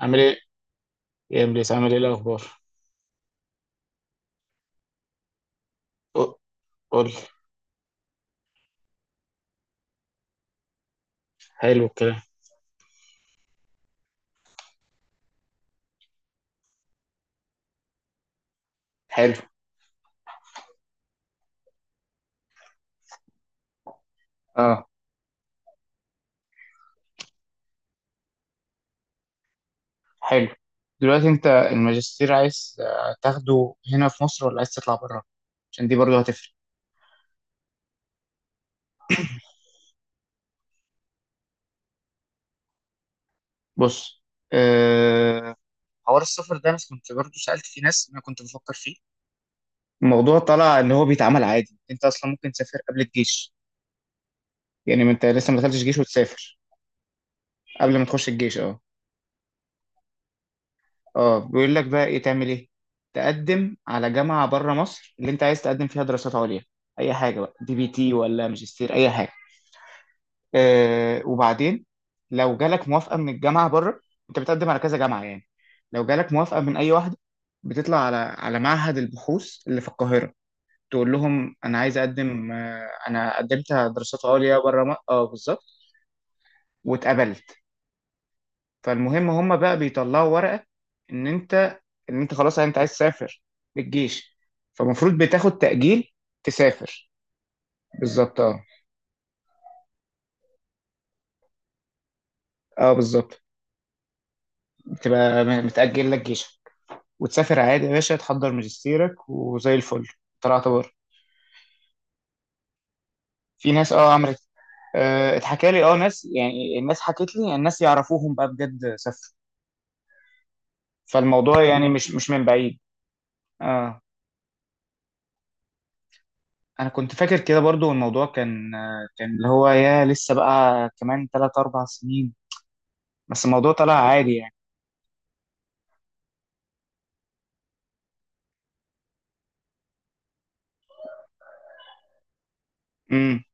عامل ايه؟ ايه يا ابليس، عامل ايه الاخبار؟ قو- قول. حلو الكلام. حلو. اه. حلو. دلوقتي انت الماجستير عايز تاخده هنا في مصر ولا عايز تطلع بره؟ عشان دي برضه هتفرق. بص. أه... حوار السفر ده انا كنت برضه سألت في ناس، انا كنت بفكر فيه. الموضوع طلع ان هو بيتعمل عادي، انت اصلا ممكن تسافر قبل الجيش. يعني ما انت لسه ما دخلتش جيش وتسافر. قبل ما تخش الجيش، اه. اه، بيقول لك بقى ايه؟ تعمل ايه؟ تقدم على جامعة بره مصر اللي انت عايز تقدم فيها دراسات عليا. اي حاجة بقى، DPT ولا ماجستير، اي حاجة. وبعدين، لو جالك موافقة من الجامعة بره، انت بتقدم على كذا جامعة يعني، لو جالك موافقة من اي واحدة، بتطلع على معهد البحوث اللي في القاهرة، تقول لهم انا عايز اقدم، انا قدمت دراسات عليا بره، بالظبط. واتقبلت. فالمهم، هم بقى بيطلعوا ورقة ان انت ان انت خلاص انت عايز تسافر للجيش. فالمفروض بتاخد تأجيل. تسافر. بالظبط، اه. اه، بالظبط. بتبقى متأجل لك جيشك وتسافر عادي يا باشا، تحضر ماجستيرك وزي الفل. طلعت بره. في ناس، اه، عملت. اتحكى لي، ناس يعني، الناس حكت لي، يعني الناس يعرفوهم بقى بجد سافروا. فالموضوع يعني مش من بعيد. اه. انا كنت فاكر كده برضو، الموضوع كان اللي هو، يا لسه بقى كمان 3 4 سنين. بس الموضوع طلع عادي يعني. امم.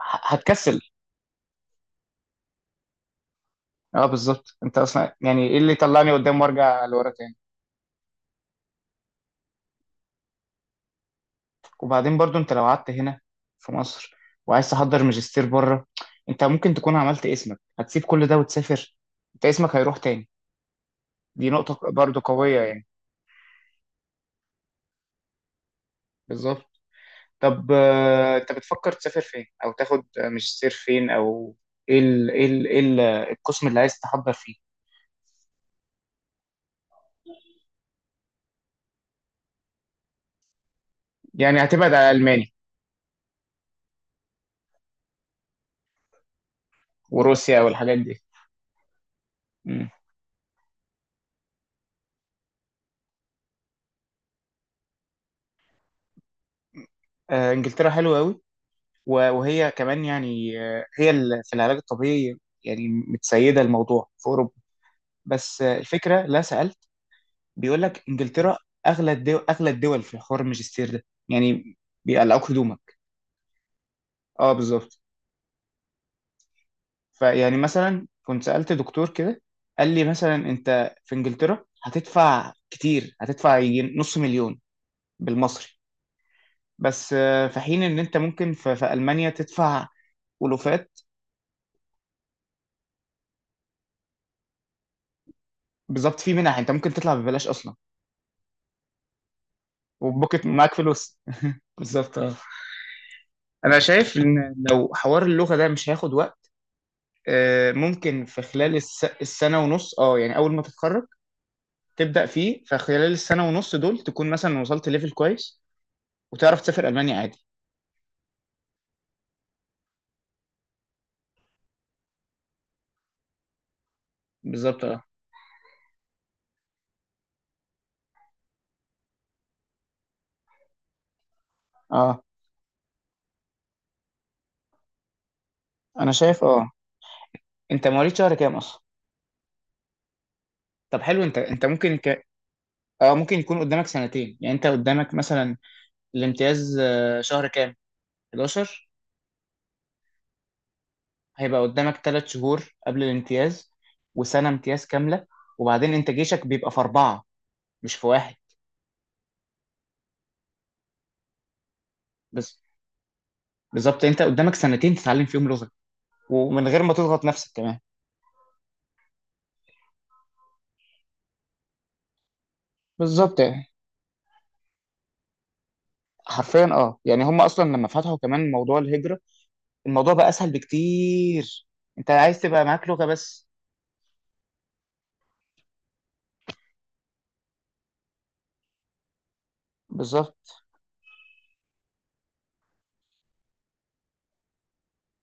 هتكسل. اه، بالظبط. انت اصلا يعني ايه اللي طلعني قدام وارجع لورا تاني؟ وبعدين برضو، انت لو قعدت هنا في مصر وعايز تحضر ماجستير بره، انت ممكن تكون عملت اسمك، هتسيب كل ده وتسافر، انت اسمك هيروح تاني. دي نقطة برضو قوية يعني. بالظبط. طب، انت بتفكر تسافر فين او تاخد ماجستير فين، او ايه القسم اللي عايز تحضر فيه؟ يعني هتبعد على الماني وروسيا والحاجات دي. مم. انجلترا حلوه قوي، وهي كمان يعني، هي في العلاج الطبيعي يعني متسيده الموضوع في اوروبا. بس الفكره، لا سالت. بيقول لك انجلترا اغلى الدول، اغلى الدول في حوار الماجستير ده يعني، بيقلعوك هدومك. اه، بالظبط. فيعني مثلا كنت سألت دكتور كده، قال لي مثلا انت في انجلترا هتدفع كتير، هتدفع يجي نص مليون بالمصري. بس، في حين ان انت ممكن في المانيا تدفع ولوفات. بالظبط، في منح، انت ممكن تطلع ببلاش اصلا. وبوكت معاك فلوس. بالظبط، اه. انا شايف ان لو حوار اللغه ده مش هياخد وقت، ممكن في خلال السنه ونص، يعني اول ما تتخرج تبدا فيه. فخلال السنه ونص دول، تكون مثلا وصلت ليفل كويس وتعرف تسافر المانيا عادي. بالظبط، اه. اه، انا شايف، اه. انت مواليد شهر كام اصلا؟ طب حلو، انت ممكن اه، ممكن يكون قدامك سنتين، يعني انت قدامك مثلا الامتياز، شهر كام؟ 11؟ هيبقى قدامك 3 شهور قبل الامتياز، وسنة امتياز كاملة. وبعدين انت جيشك بيبقى في 4، مش في 1. بس، بالظبط، انت قدامك سنتين تتعلم فيهم لغة، ومن غير ما تضغط نفسك كمان. بالظبط يعني، حرفيا، يعني هم اصلا لما فتحوا كمان موضوع الهجرة، الموضوع بقى اسهل بكتير. انت عايز تبقى معاك لغة بس. بالظبط.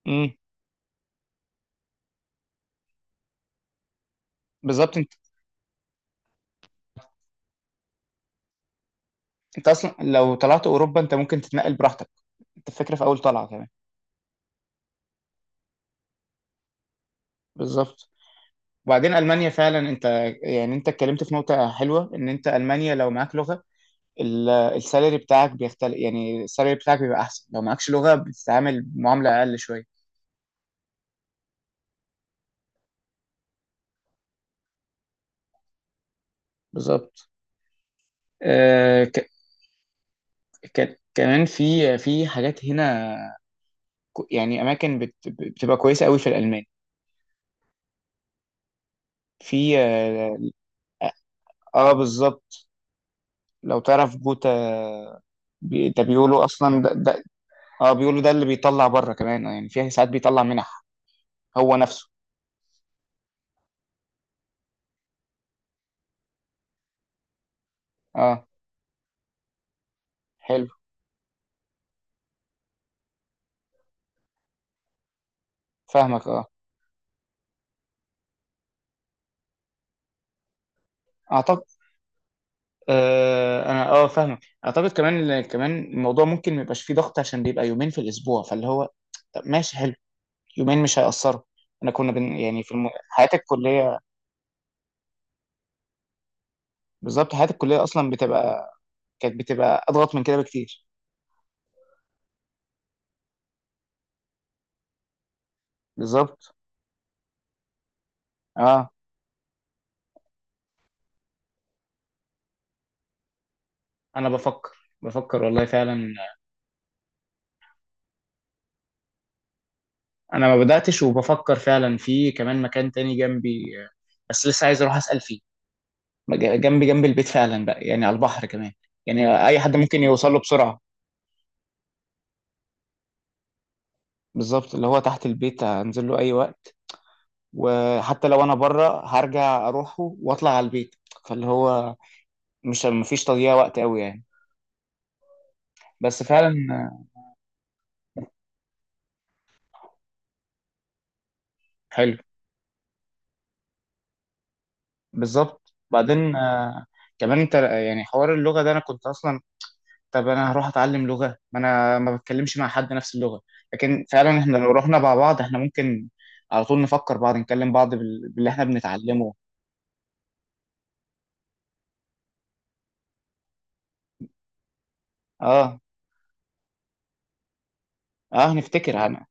امم. بالظبط، انت اصلا لو طلعت اوروبا انت ممكن تتنقل براحتك. انت الفكره في اول طلعه كمان. بالظبط. وبعدين المانيا فعلا، انت يعني انت اتكلمت في نقطه حلوه ان انت المانيا لو معاك لغه، السالري بتاعك بيختلف، يعني السالري بتاعك بيبقى احسن، لو معكش لغه بتتعامل معامله اقل شويه. بالظبط. آه ك... كمان في حاجات هنا، يعني اماكن بتبقى كويسه قوي في الالمان. في، بالظبط. لو تعرف جوتا، ده بيقولوا اصلا ده. اه، بيقولوا ده اللي بيطلع بره كمان، يعني فيها ساعات بيطلع منح هو نفسه. اه. حلو. فاهمك، اه. اعتقد، انا، فاهمك. اعتقد كمان، الموضوع ممكن ما يبقاش فيه ضغط، عشان بيبقى يومين في الاسبوع، فاللي هو، طب ماشي، حلو، يومين مش هيأثروا. انا كنا يعني في حياتي الكليه. بالظبط حياتي الكليه اصلا بتبقى، كانت بتبقى اضغط من كده بكتير. بالظبط، اه. انا بفكر، بفكر والله فعلا. انا ما بداتش، وبفكر فعلا في كمان مكان تاني جنبي، بس لسه عايز اروح اسال فيه. جنبي، جنب البيت فعلا بقى يعني، على البحر كمان، يعني اي حد ممكن يوصل له بسرعه. بالظبط، اللي هو تحت البيت، هنزل له اي وقت. وحتى لو انا بره، هرجع اروحه واطلع على البيت. فاللي هو، مش مفيش تضييع وقت قوي يعني. بس فعلا، حلو. بالظبط. بعدين، كمان انت يعني، حوار اللغه ده انا كنت اصلا. طب انا هروح اتعلم لغه، ما انا ما بتكلمش مع حد نفس اللغه. لكن فعلا، احنا لو رحنا مع بعض احنا ممكن على طول نفكر بعض، نكلم بعض باللي احنا بنتعلمه. اه، اه، نفتكر انا.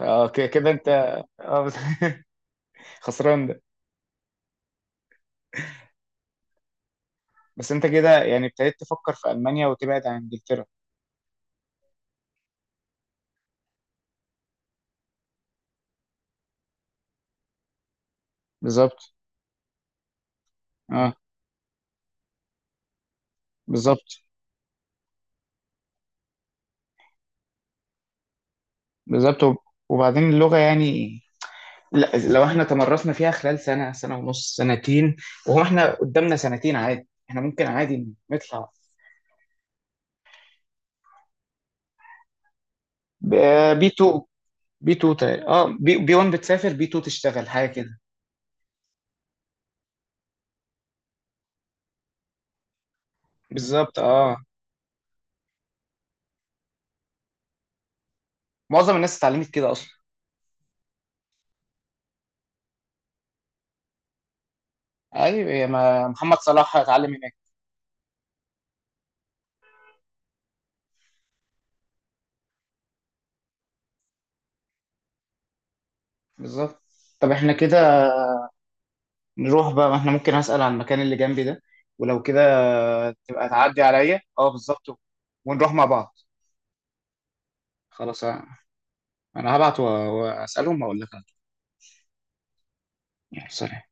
اه، كده انت، اه، بس. خسران ده. بس انت كده يعني ابتديت تفكر في المانيا وتبعد عن انجلترا؟ بالظبط، اه، بالظبط، بالظبط. وبعدين اللغه يعني، لا لو احنا تمرسنا فيها خلال سنه، سنه ونص، سنتين، وهو احنا قدامنا سنتين عادي احنا ممكن عادي نطلع. بي 2. بي 2 تقريبا، اه، بي 1 بتسافر، بي 2 تشتغل حاجه كده. بالظبط، اه. معظم الناس اتعلمت كده اصلا. ايوه، يا ما محمد صلاح اتعلم هناك. بالظبط. طب احنا كده نروح بقى، ما احنا ممكن، هسأل عن المكان اللي جنبي ده، ولو كده تبقى تعدي عليا، اه، بالظبط، ونروح مع بعض. خلاص. انا هبعت واسألهم واقول لك على طول. يلا، سلام.